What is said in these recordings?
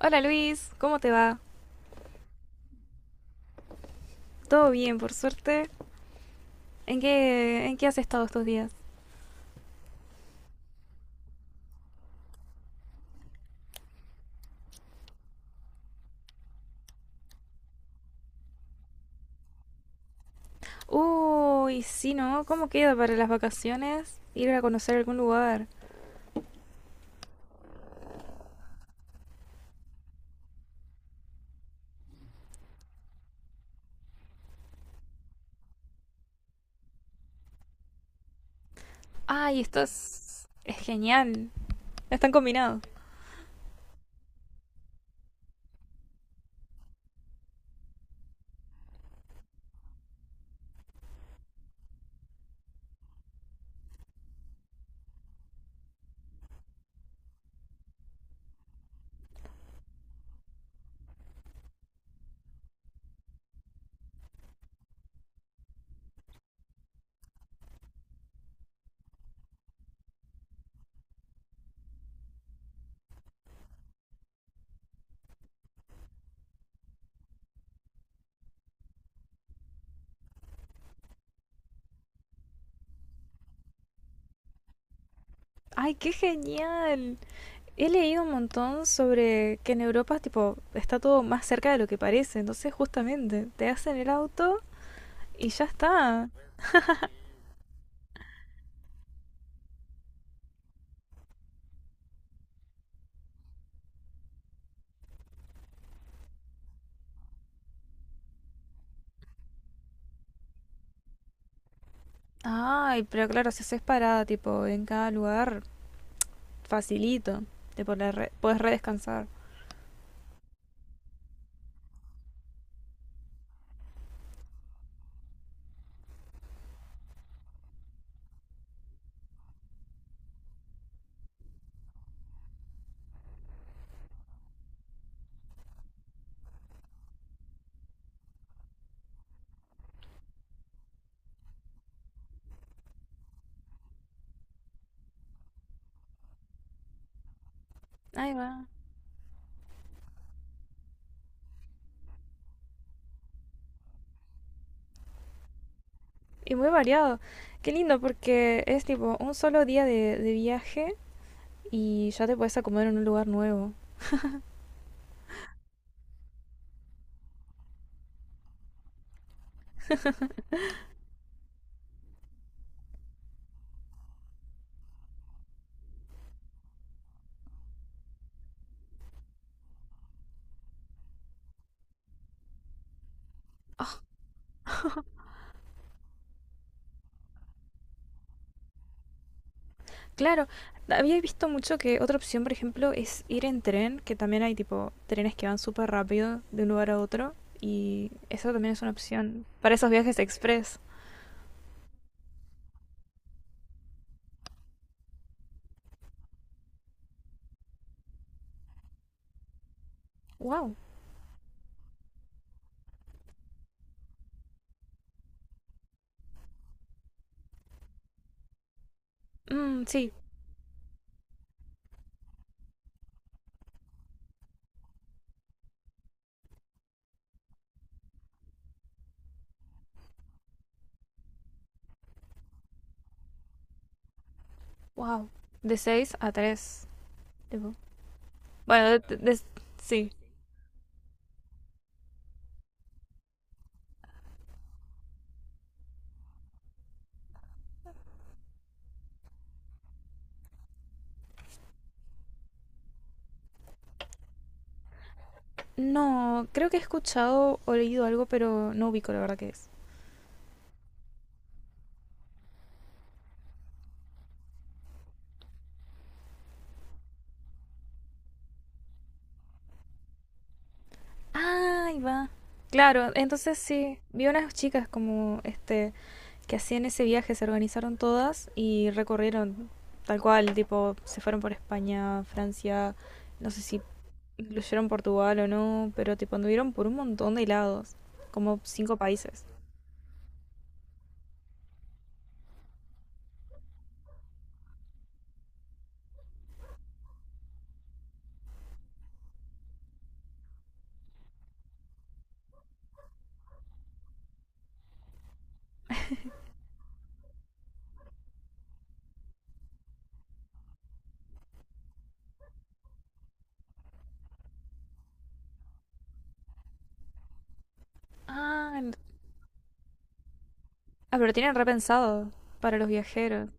Hola Luis, ¿cómo te va? Todo bien, por suerte. ¿En qué has estado estos días? Uy, sí, ¿no? ¿Cómo queda para las vacaciones? Ir a conocer algún lugar. Ay, esto es genial. Están combinados. Ay, qué genial. He leído un montón sobre que en Europa, tipo, está todo más cerca de lo que parece. Entonces, justamente, te hacen el auto y ya está. Ay, pero claro, si haces parada, tipo, en cada lugar, facilito, te podés, puedes redescansar. Ahí va. Y muy variado. Qué lindo porque es tipo un solo día de viaje y ya te puedes acomodar en un lugar nuevo. Claro, había visto mucho que otra opción, por ejemplo, es ir en tren, que también hay tipo trenes que van súper rápido de un lugar a otro y eso también es una opción para esos viajes express. Wow. Mm, sí, wow. De 6 a 3. Bueno, sí. No, creo que he escuchado o leído algo, pero no ubico la verdad que es. Ah, ahí va. Claro, entonces sí, vi unas chicas como este que hacían ese viaje, se organizaron todas y recorrieron tal cual, tipo, se fueron por España, Francia, no sé si incluyeron Portugal o no, pero tipo anduvieron por un montón de lados, como cinco países. Ah, en- ah, pero tienen repensado para los viajeros.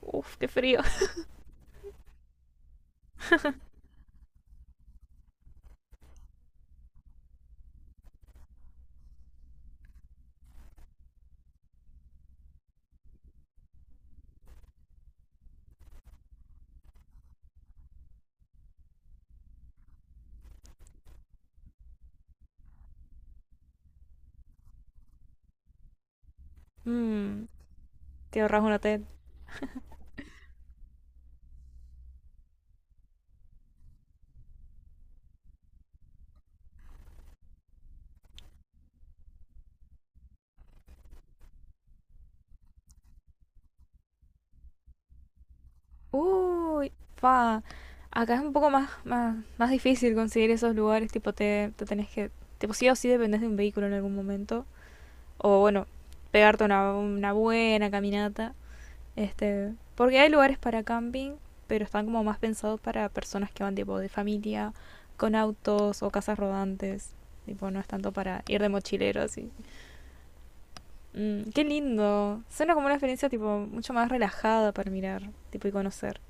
Uf, qué frío. Mm, te ahorras un hotel. Uy, pa. Acá es un poco más difícil conseguir esos lugares, tipo te tenés que, tipo sí o sí dependés de un vehículo en algún momento, o bueno, pegarte una buena caminata, este, porque hay lugares para camping, pero están como más pensados para personas que van tipo de familia, con autos o casas rodantes, tipo no es tanto para ir de mochilero así. Mm, qué lindo, suena como una experiencia tipo mucho más relajada para mirar, tipo y conocer.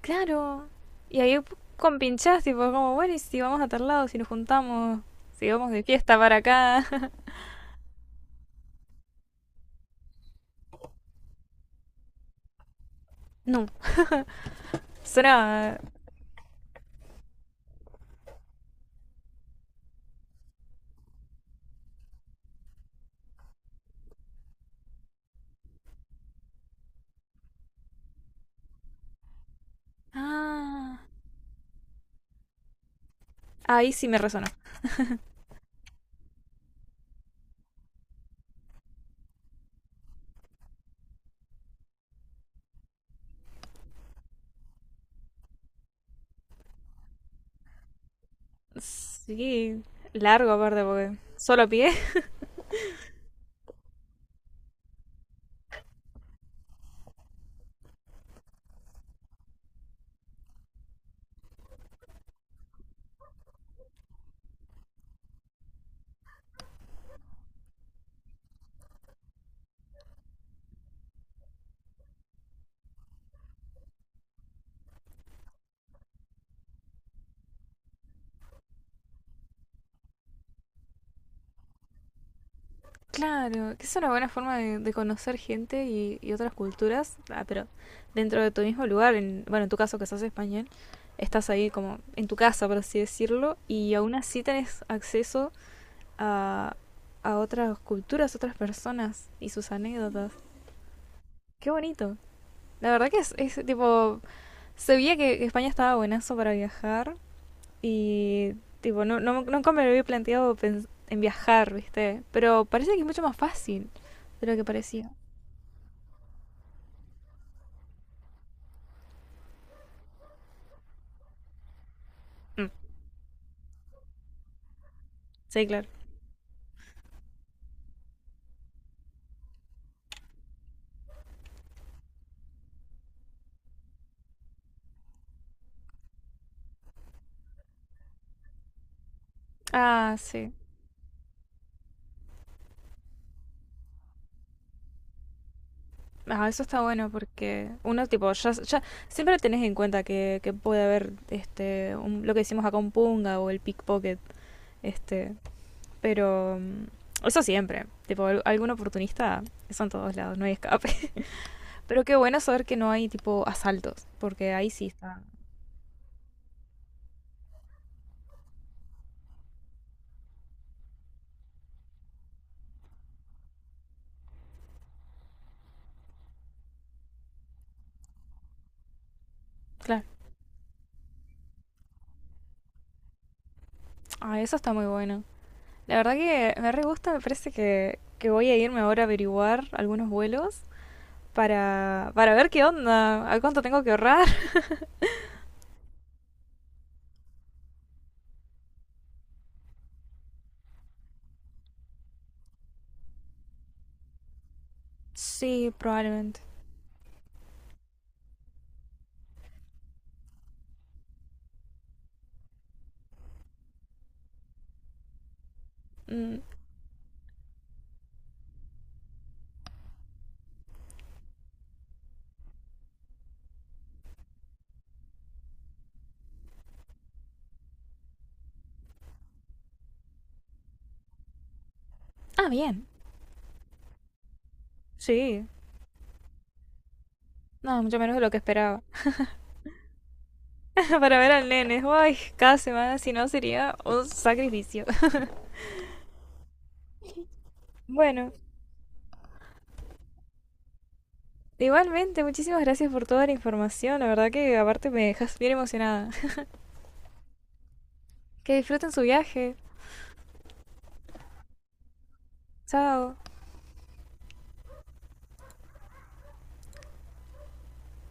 Claro. Y ahí compinchás, tipo, como, bueno, y si vamos a tal lado, si nos juntamos, si vamos de fiesta para acá. No, suena. Ah, ahí sí me resonó. Sí, largo aparte, porque solo a pie. Claro, que es una buena forma de conocer gente y otras culturas, ah, pero dentro de tu mismo lugar, en, bueno, en tu caso que estás español, estás ahí como en tu casa, por así decirlo, y aún así tenés acceso a, a otras culturas, otras personas y sus anécdotas. Qué bonito. La verdad que es, tipo, se veía que España estaba buenazo para viajar y tipo, no, no, nunca me lo había planteado en viajar, ¿viste? Pero parece que es mucho más fácil de lo que parecía. Mm, sí, claro. Ah, sí. Ah, eso está bueno porque uno, tipo, ya, ya siempre tenés en cuenta que puede haber este, un, lo que decimos acá un punga o el pickpocket, este, pero mm, eso siempre. Tipo, algún oportunista, eso en todos lados, no hay escape. Pero qué bueno saber que no hay tipo asaltos, porque ahí sí está. Claro. Ah, eso está muy bueno. La verdad que me re gusta, me parece que voy a irme ahora a averiguar algunos vuelos para ver qué onda, a cuánto tengo que ahorrar. Sí, probablemente. Mm. Ah, bien. Sí. No, mucho menos de lo que esperaba. Para ver al nene. Ay, cada semana si no sería un sacrificio. Bueno, igualmente, muchísimas gracias por toda la información. La verdad que aparte me dejas bien emocionada. Que disfruten su viaje. Chao.